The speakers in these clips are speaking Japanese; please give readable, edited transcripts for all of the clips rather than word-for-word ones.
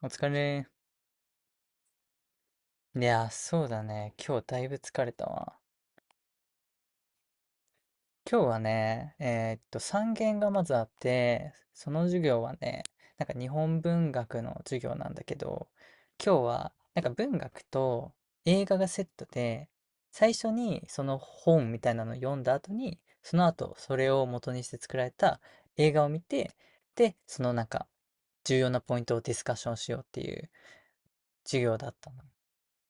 お疲れ。いやー、そうだね。今日だいぶ疲れたわ。今日はね、3限がまずあって、その授業はね、なんか日本文学の授業なんだけど、今日はなんか文学と映画がセットで、最初にその本みたいなのを読んだ後に、その後それを元にして作られた映画を見て、で、そのなんか重要なポイントをディスカッションしようっていう授業だったの。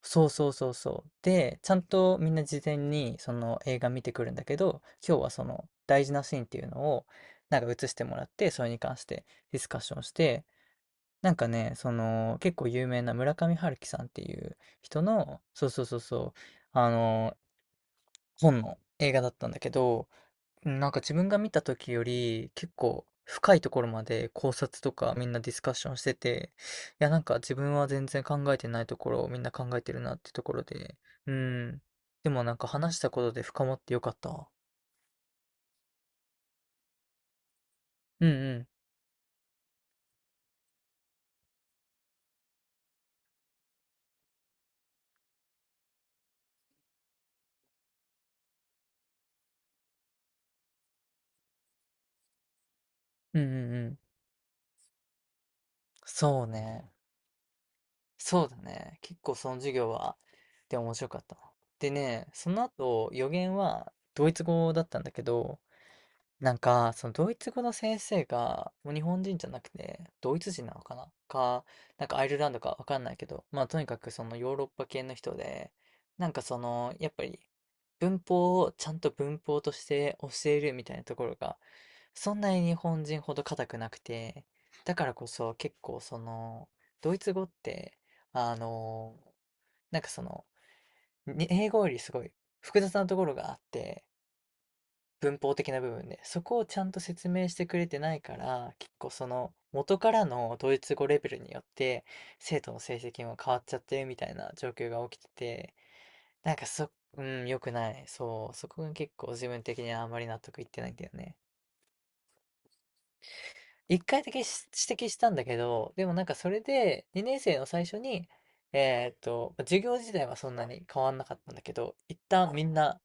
そうそうそうそう。で、ちゃんとみんな事前にその映画見てくるんだけど、今日はその大事なシーンっていうのをなんか映してもらって、それに関してディスカッションして、なんかね、その結構有名な村上春樹さんっていう人の、そうそうそうそう、あの、本の映画だったんだけど、うん、なんか自分が見た時より、結構深いところまで考察とかみんなディスカッションしてて、いやなんか自分は全然考えてないところをみんな考えてるなってところで、うん。でもなんか話したことで深まってよかったわ。うんうん。うんうんうん。そうね。そうだね。結構その授業は、で面白かったな。でね、その後予言はドイツ語だったんだけど、なんか、そのドイツ語の先生が、もう日本人じゃなくて、ドイツ人なのかなか、なんかアイルランドかわかんないけど、まあとにかくそのヨーロッパ系の人で、なんかその、やっぱり文法をちゃんと文法として教えるみたいなところが、そんなに日本人ほど硬くなくて、だからこそ結構その、ドイツ語って、あの、なんかその、に英語よりすごい複雑なところがあって、文法的な部分で、そこをちゃんと説明してくれてないから、結構その元からのドイツ語レベルによって生徒の成績も変わっちゃってるみたいな状況が起きてて、なんかそ、うん、良くない。そう、そこが結構自分的にはあんまり納得いってないんだよね。一回だけし指摘したんだけど、でもなんかそれで2年生の最初に、授業自体はそんなに変わんなかったんだけど、一旦みんな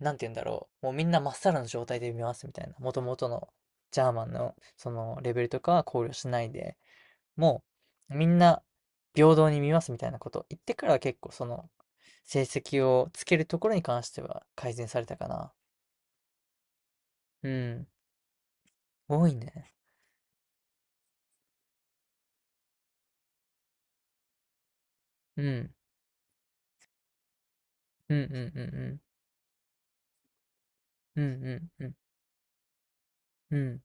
なんて言うんだろう、もうみんなまっさらの状態で見ますみたいな、元々のジャーマンのそのレベルとかは考慮しないで、もうみんな平等に見ますみたいなことを言ってから結構その成績をつけるところに関しては改善されたかな。うん、多いね。うん、うんうんうんうん、うんうんうん、うん、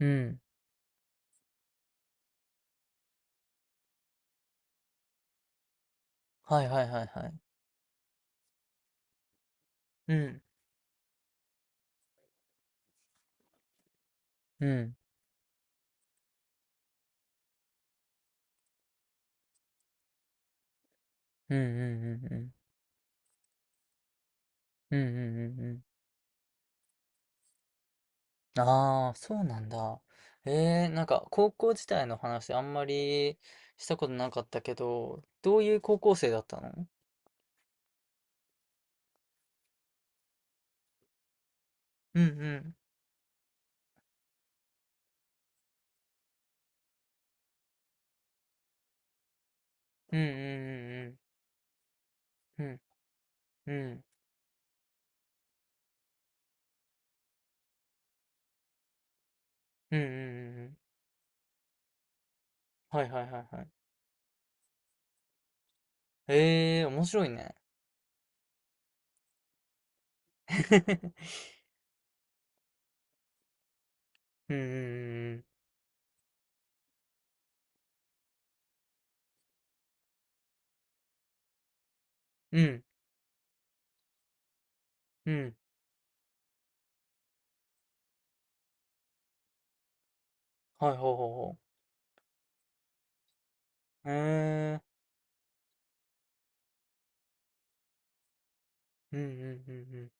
うん、はいはいはいはい。うん、うん、うんうんうんうん、うんうんうんうん。ああ、そうなんだ。なんか高校時代の話あんまりしたことなかったけど、どういう高校生だったのうんうん。うんうんうんうん。うんうんうんうんうんうんうん。はいはいはいはい。ええー、面白いね。うんうんうんうん。うんうん。はいほうほうほう。えー。うんうんうんうん。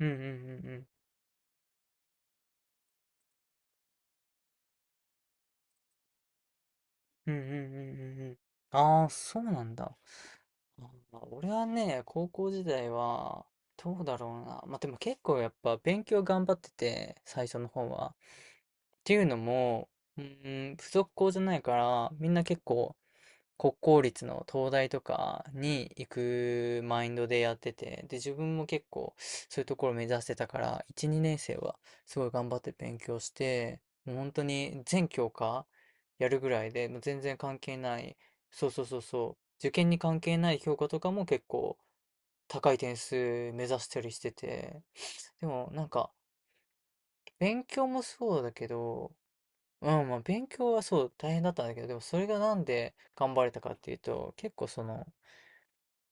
うんうんうんうん。うんうんうんうんうんうん。ああ、そうなんだ。まあ俺はね、高校時代は、どうだろうな。まあ、でも結構やっぱ勉強頑張ってて、最初の方は。っていうのも、うーん、付属校じゃないから、みんな結構国公立の東大とかに行くマインドでやってて、で、自分も結構そういうところを目指してたから、1、2年生はすごい頑張って勉強して、もう本当に全教科やるぐらいで、もう全然関係ない、そうそうそうそう、受験に関係ない評価とかも結構高い点数目指したりしてて、でもなんか勉強もそうだけど、うん、まあ勉強はそう大変だったんだけど、でもそれがなんで頑張れたかっていうと、結構その、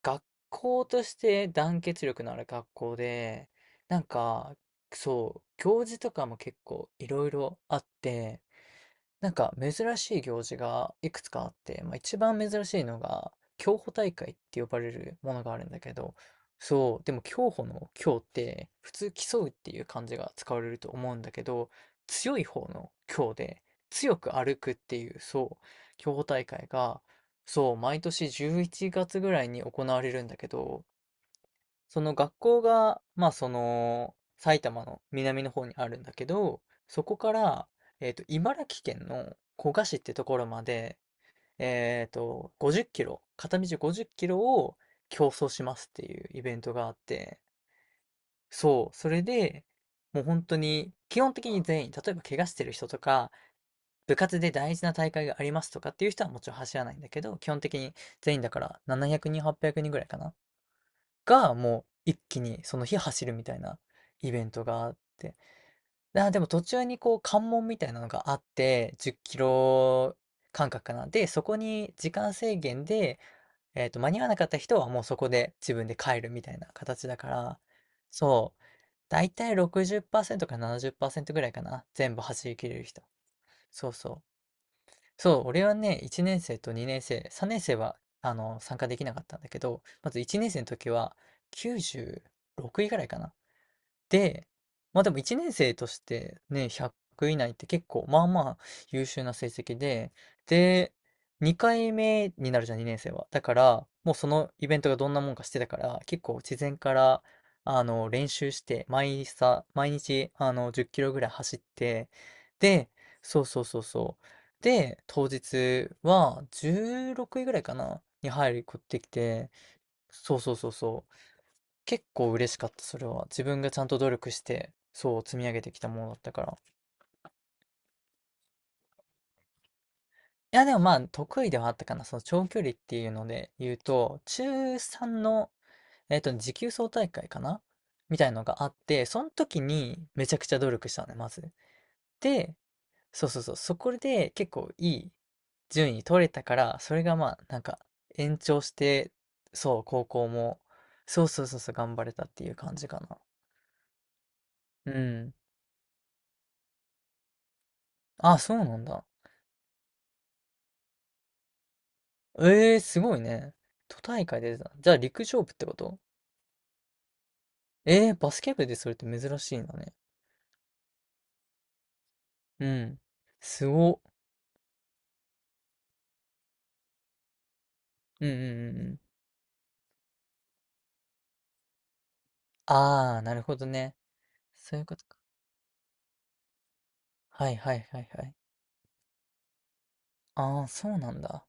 学校として団結力のある学校で、なんか、そう、行事とかも結構いろいろあって、なんか珍しい行事がいくつかあって、まあ、一番珍しいのが競歩大会って呼ばれるものがあるんだけど、そう、でも競歩の競って普通競うっていう漢字が使われると思うんだけど、強い方の競で強く歩くっていう、そう、競歩大会が、そう、毎年11月ぐらいに行われるんだけど、その学校が、まあその、埼玉の南の方にあるんだけど、そこから、茨城県の古河市ってところまで、50キロ、片道50キロを競争しますっていうイベントがあって、そう、それで、もう本当に、基本的に全員、例えば怪我してる人とか、部活で大事な大会がありますとかっていう人はもちろん走らないんだけど、基本的に全員だから700人、800人ぐらいかな。が、もう一気にその日走るみたいなイベントがあって。あ、でも途中にこう関門みたいなのがあって、10キロ間隔かな。で、そこに時間制限で、間に合わなかった人はもうそこで自分で帰るみたいな形だから、そう。だいたい60%か70%ぐらいかな。全部走り切れる人。そうそう。そう、俺はね、1年生と2年生、3年生はあの参加できなかったんだけど、まず1年生の時は96位ぐらいかな。で、まあでも1年生としてね、100以内って結構まあまあ優秀な成績で、で、2回目になるじゃん、2年生は。だから、もうそのイベントがどんなもんかしてたから、結構事前から、練習して、毎朝、毎日、10キロぐらい走って、で、そうそうそうそう。で、当日は16位ぐらいかな、に入ることできて、そうそうそうそう。結構嬉しかった、それは。自分がちゃんと努力して、そう積み上げてきたものだったから。いや、でもまあ、得意ではあったかな。その長距離っていうので言うと、中3の、持久走大会かなみたいのがあって、その時にめちゃくちゃ努力したのね、まず。で、そうそうそう、そこで結構いい順位取れたから、それがまあ、なんか、延長して、そう、高校も、そうそうそうそう、頑張れたっていう感じかな。うん。あ、そうなんだ。ええーすごいね。都大会出てた。じゃあ陸上部ってことええーバスケ部でそれって珍しいんだね。うん。すごっ。うんうんうんうん。ああ、なるほどね。そういうことか。はいはいはいはい。ああ、そうなんだ。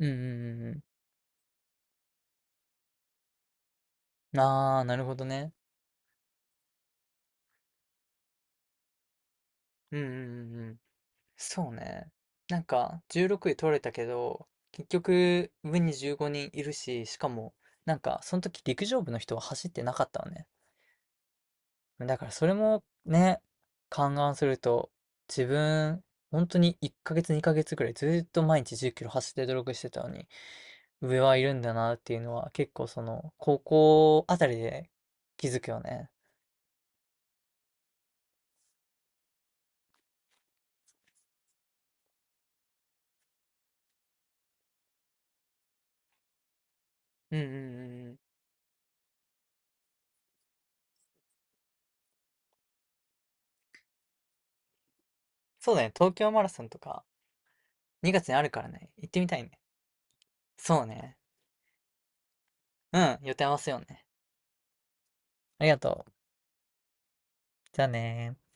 うんうんうんうん。ああ、なるほどね。うんうんうんうん。そうね。なんか、16位取れたけど、結局、上に15人いるし、しかも、なんか、その時陸上部の人は走ってなかったわね。だからそれもね、勘案すると、自分、本当に1ヶ月2ヶ月くらいずっと毎日10キロ走って努力してたのに、上はいるんだなっていうのは結構その、高校あたりで気づくよね。うんうんうんうん。そうだね、東京マラソンとか2月にあるからね、行ってみたいね。そうね。うん、予定合わせようね。ありがとう。じゃあねー